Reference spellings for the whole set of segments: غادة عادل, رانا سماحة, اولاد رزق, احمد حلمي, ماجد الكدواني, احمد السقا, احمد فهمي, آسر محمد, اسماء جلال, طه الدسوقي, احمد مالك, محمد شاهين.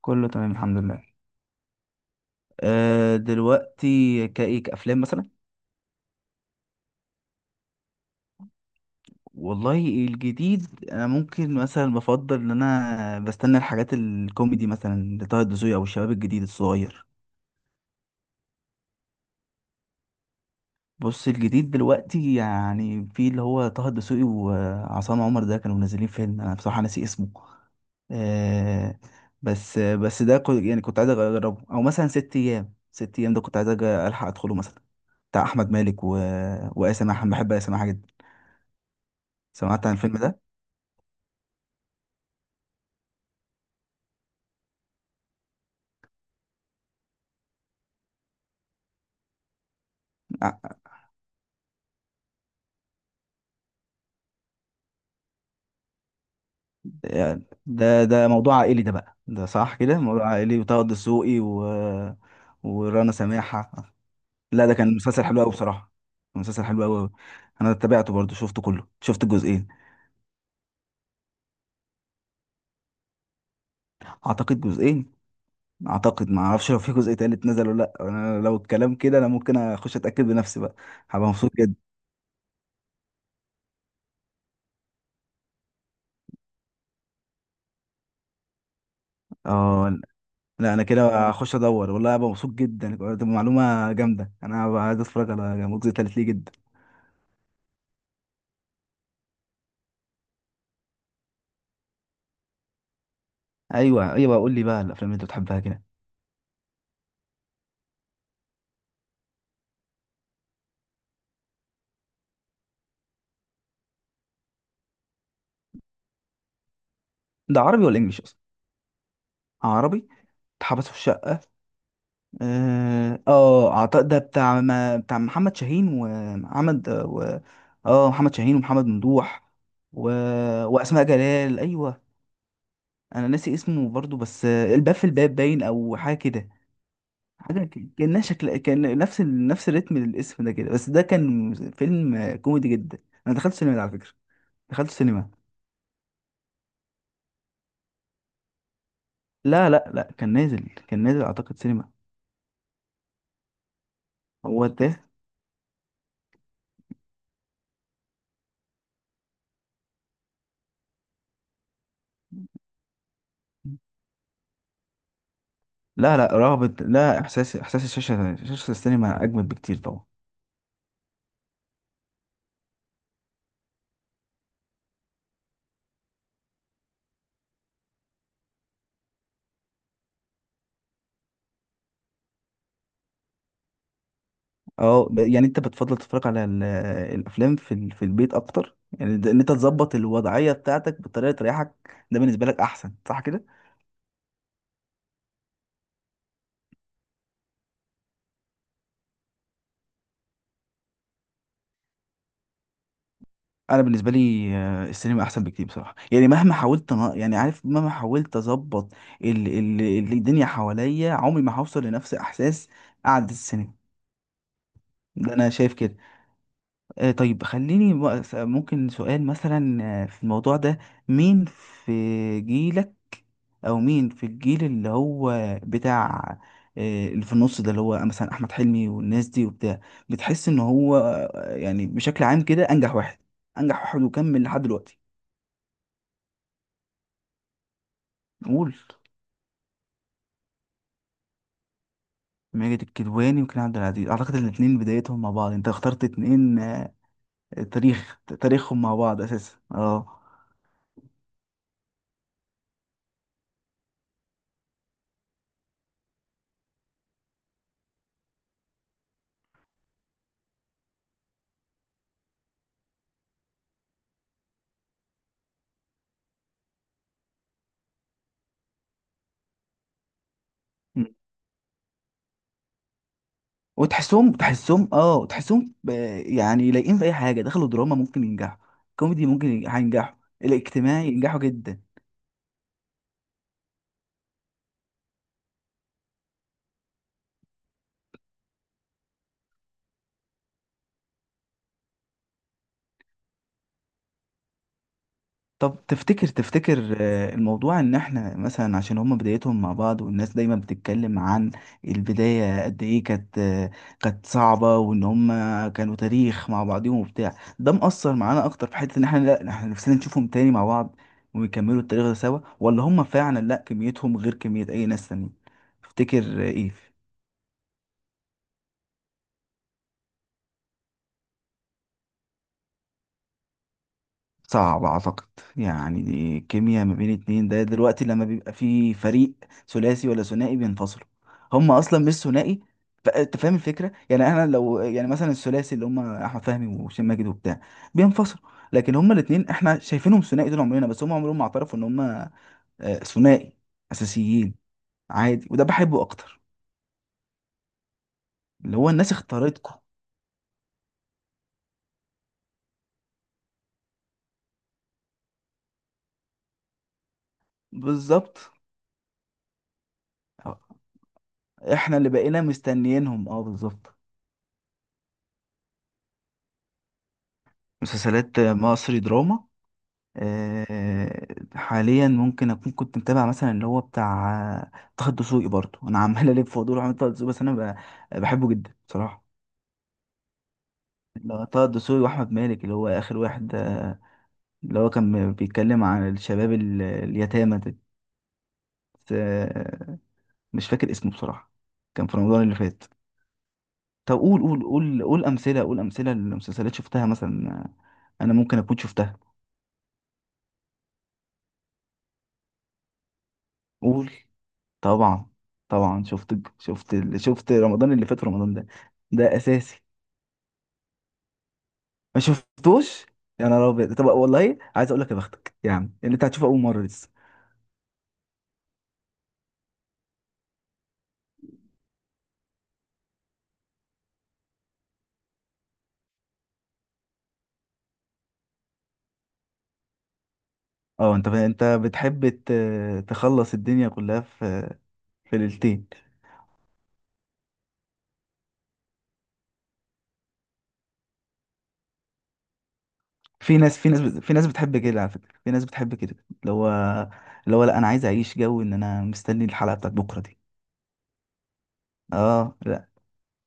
كله تمام الحمد لله. أه دلوقتي كايك افلام مثلا. والله الجديد انا ممكن مثلا بفضل ان انا بستنى الحاجات الكوميدي مثلا لطه الدسوقي او الشباب الجديد الصغير. بص الجديد دلوقتي يعني في اللي هو طه الدسوقي وعصام عمر، ده كانوا منزلين فيلم انا بصراحة ناسي اسمه. أه بس يعني كنت عايز اجربه او مثلا ست ايام. ست ايام ده كنت عايز الحق ادخله مثلا، بتاع احمد مالك وآسر محمد. بحب آسر محمد جدا. سمعت عن الفيلم ده؟ ع- يعني ده موضوع عائلي، ده بقى ده صح كده، موضوع عائلي وطه الدسوقي. ورانا سماحة. لا ده كان مسلسل حلو قوي بصراحة. كان مسلسل حلو قوي. انا تابعته برضو، شفته كله، شفت الجزئين. اعتقد جزئين. اعتقد ما اعرفش لو في جزء تالت نزل ولا لا. انا لو الكلام كده، انا ممكن اخش اتاكد بنفسي بقى. هبقى مبسوط جدا. اه لا، انا كده هخش ادور والله، هبقى مبسوط جدا. دي معلومة جامدة، انا هبقى عايز اتفرج على الجزء التالت ليه جدا. ايوه ايوه، قول لي بقى الافلام اللي انت بتحبها كده. ده عربي ولا انجليش اصلا؟ عربي. اتحبس في الشقه. اه اعتقد ده بتاع ما بتاع محمد شاهين ومحمد. اه محمد شاهين ومحمد ممدوح و... واسماء جلال ايوه. انا ناسي اسمه برضو بس، الباب في الباب باين او حاجه كده. حاجه كانها شكل كان نفس نفس الريتم للاسم ده كده، بس ده كان فيلم كوميدي جدا. انا دخلت سينما ده على فكره. دخلت سينما. لا لا لا كان نازل. كان نازل اعتقد سينما. هو ده. لا لا رغبة لا إحساس إحساس الشاشة شاشة السينما أجمل بكتير طبعا. يعني أنت بتفضل تتفرج على الأفلام في في البيت أكتر يعني إن أنت تظبط الوضعية بتاعتك بطريقة تريحك. ده بالنسبة لك أحسن صح كده؟ أنا بالنسبة لي السينما أحسن بكتير بصراحة. يعني مهما حاولت يعني عارف مهما حاولت أظبط ال ال الدنيا حواليا، عمري ما هوصل لنفس إحساس قعدة السينما. ده أنا شايف كده. طيب خليني بقى ممكن سؤال مثلا، في الموضوع ده. مين في جيلك، او مين في الجيل اللي هو بتاع، اللي في النص ده، اللي هو مثلا احمد حلمي والناس دي وبتاع، بتحس ان هو يعني بشكل عام كده انجح واحد؟ انجح واحد وكمل لحد دلوقتي. قول. ماجد الكدواني وكريم عبد العزيز. اعتقد الاثنين بدايتهم مع بعض. انت اخترت اتنين، تاريخ تاريخهم مع بعض اساسا، اه. وتحسهم تحسهم اه تحسهم ب- يعني لايقين في اي حاجه. دخلوا دراما ممكن ينجحوا. كوميدي ممكن هينجحوا. الاجتماعي ينجحوا جدا. طب تفتكر الموضوع ان احنا مثلا عشان هما بدايتهم مع بعض، والناس دايما بتتكلم عن البدايه قد ايه كانت، كانت صعبه وان هما كانوا تاريخ مع بعضهم وبتاع. ده مأثر معانا اكتر في حته ان احنا، لا، احنا نفسنا نشوفهم تاني مع بعض ويكملوا التاريخ ده سوا، ولا هما فعلا لا كميتهم غير كميه اي ناس تانية؟ تفتكر؟ ايه. صعب اعتقد. يعني دي كيمياء ما بين اتنين. ده دلوقتي لما بيبقى في فريق ثلاثي ولا ثنائي بينفصلوا. هم اصلا مش ثنائي. انت فاهم الفكره. يعني انا لو يعني مثلا الثلاثي اللي هم احمد فهمي وهشام ماجد وبتاع، بينفصلوا. لكن هم الاتنين احنا شايفينهم ثنائي طول عمرنا، بس هم عمرهم ما اعترفوا ان هم ثنائي اساسيين. عادي، وده بحبه اكتر، اللي هو الناس اختارتكم. بالظبط. احنا اللي بقينا مستنيينهم اه بالظبط. مسلسلات مصري دراما. آه، حاليا ممكن اكون كنت متابع مثلا، اللي هو بتاع، آه، طه الدسوقي برضه. انا عمال الف في ودور احمد طه الدسوقي، بس انا بحبه جدا بصراحه. اللي هو طه الدسوقي واحمد مالك، اللي هو اخر واحد، اللي هو كان بيتكلم عن الشباب اليتامى ده. بس، مش فاكر اسمه بصراحه. كان في رمضان اللي فات. طب، قول قول قول قول امثله. قول امثله لمسلسلات شفتها مثلا، انا ممكن اكون شفتها. قول. طبعا. طبعا شفت شفت شفت رمضان اللي فات، رمضان ده، ده اساسي. ما شفتوش؟ يا نهار ابيض. طب والله عايز اقول لك، يا بختك يعني، اللي انت هتشوفه اول مره لسه. اه، انت بتحب تخلص الدنيا كلها في في ليلتين. في ناس بتحب كده على فكره. في ناس بتحب كده، اللي هو اللي هو لا، انا عايز اعيش جو ان انا مستني الحلقه بتاعت بكره دي. اه لا،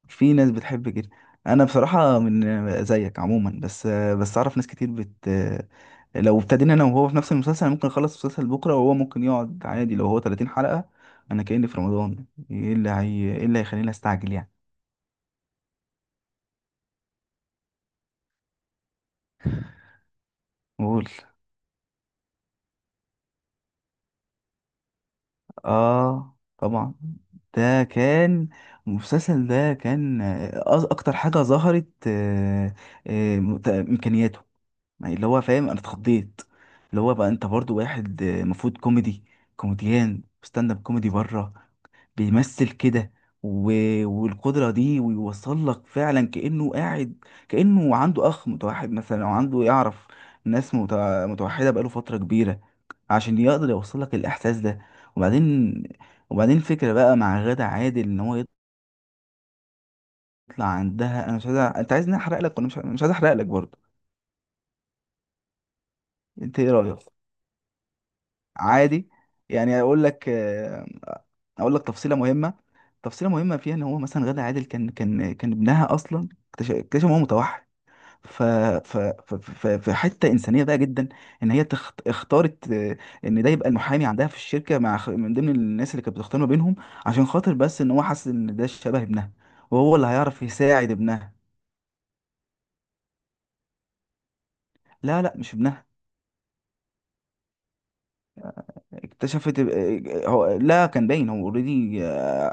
في ناس بتحب كده. انا بصراحه من زيك عموما بس، بس اعرف ناس كتير لو ابتدينا انا وهو في نفس المسلسل، أنا ممكن اخلص المسلسل بكره، وهو ممكن يقعد عادي. لو هو 30 حلقه، انا كأني في رمضان. ايه اللي هيخليني استعجل يعني؟ قول. اه طبعا. ده كان المسلسل ده كان، اكتر حاجه ظهرت امكانياته. يعني اللي هو فاهم، انا اتخضيت. اللي هو بقى، انت برضو واحد المفروض كوميدي، كوميديان ستاند اب كوميدي بره، بيمثل كده و... والقدرة دي ويوصل لك فعلا. كأنه قاعد كأنه عنده أخ متوحد مثلا، أو عنده يعرف ناس متوحدة بقاله فترة كبيرة، عشان يقدر يوصل لك الإحساس ده. وبعدين، وبعدين فكرة بقى مع غادة عادل إن هو يطلع عندها. أنا مش عايز أنت عايزني أحرق لك، وأنا مش عايز أحرق لك برضه. أنت إيه رأيك؟ عادي. يعني أقول لك، أقول لك تفصيلة مهمة. تفصيلة مهمة فيها إن هو مثلا غادة عادل كان ابنها أصلا اكتشف إن هو متوحد. ف... في حته انسانيه بقى جدا، ان هي اختارت ان ده يبقى المحامي عندها في الشركه، مع من ضمن الناس اللي كانت بتختار ما بينهم، عشان خاطر بس ان هو حاسس ان ده شبه ابنها، وهو اللي هيعرف يساعد ابنها. لا لا مش ابنها. اكتشفت هو لا، كان باين، هو اوريدي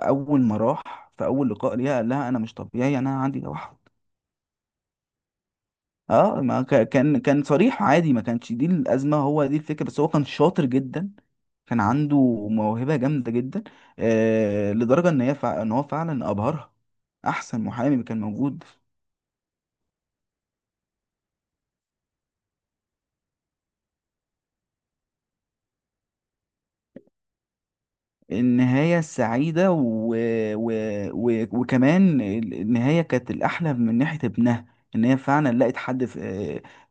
اول ما راح في اول لقاء ليها قال لها انا مش طبيعي، انا عندي توحد. اه، ما كان صريح عادي، ما كانش دي الازمه. هو دي الفكره، بس هو كان شاطر جدا. كان عنده موهبه جامده جدا، لدرجه ان هي ان هو فعلا ابهرها. احسن محامي كان موجود. النهاية السعيدة و... وكمان النهاية كانت الأحلى من ناحية ابنها. إن هي فعلا لقت حد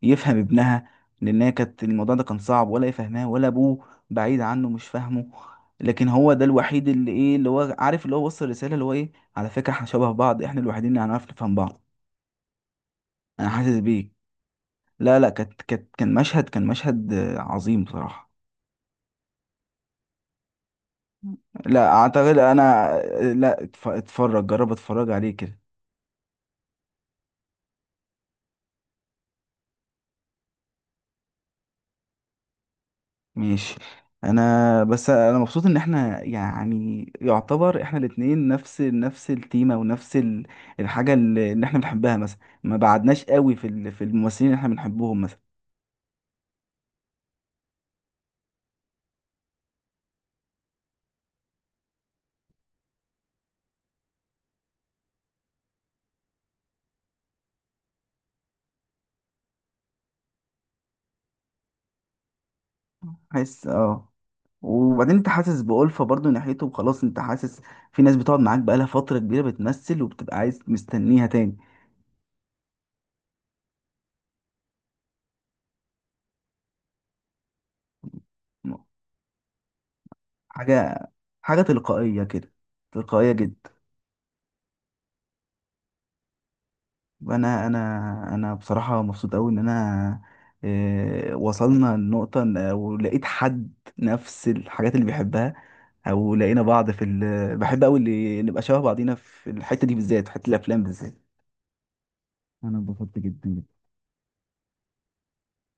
يفهم ابنها. لأن هي كانت الموضوع ده كان صعب، ولا يفهمها، ولا أبوه بعيد عنه مش فاهمه. لكن هو ده الوحيد اللي إيه، اللي هو عارف، اللي هو وصل رسالة اللي هو إيه، على فكرة إحنا شبه بعض، إحنا الوحيدين اللي هنعرف نفهم بعض. أنا حاسس بيك. لا لا، كان مشهد عظيم بصراحة. لا أعتقد أنا. لا اتفرج، جرب اتفرج عليه كده. ماشي. انا بس انا مبسوط ان احنا، يعني يعتبر احنا الاتنين نفس التيمة، ونفس الحاجة اللي احنا بنحبها مثلا. ما بعدناش قوي في في الممثلين اللي احنا بنحبهم مثلا. حاسس اه. وبعدين انت حاسس بألفة برضو ناحيته، وخلاص انت حاسس في ناس بتقعد معاك بقالها فترة كبيرة بتمثل، وبتبقى عايز مستنيها تاني. م- حاجة حاجة تلقائية كده. تلقائية جدا. انا انا انا بصراحه مبسوط قوي ان انا، وصلنا لنقطه ولقيت حد نفس الحاجات اللي بيحبها. او لقينا بعض في بحب قوي اللي نبقى شبه بعضينا في الحته دي بالذات، في حته الافلام بالذات. انا اتبسطت جدا.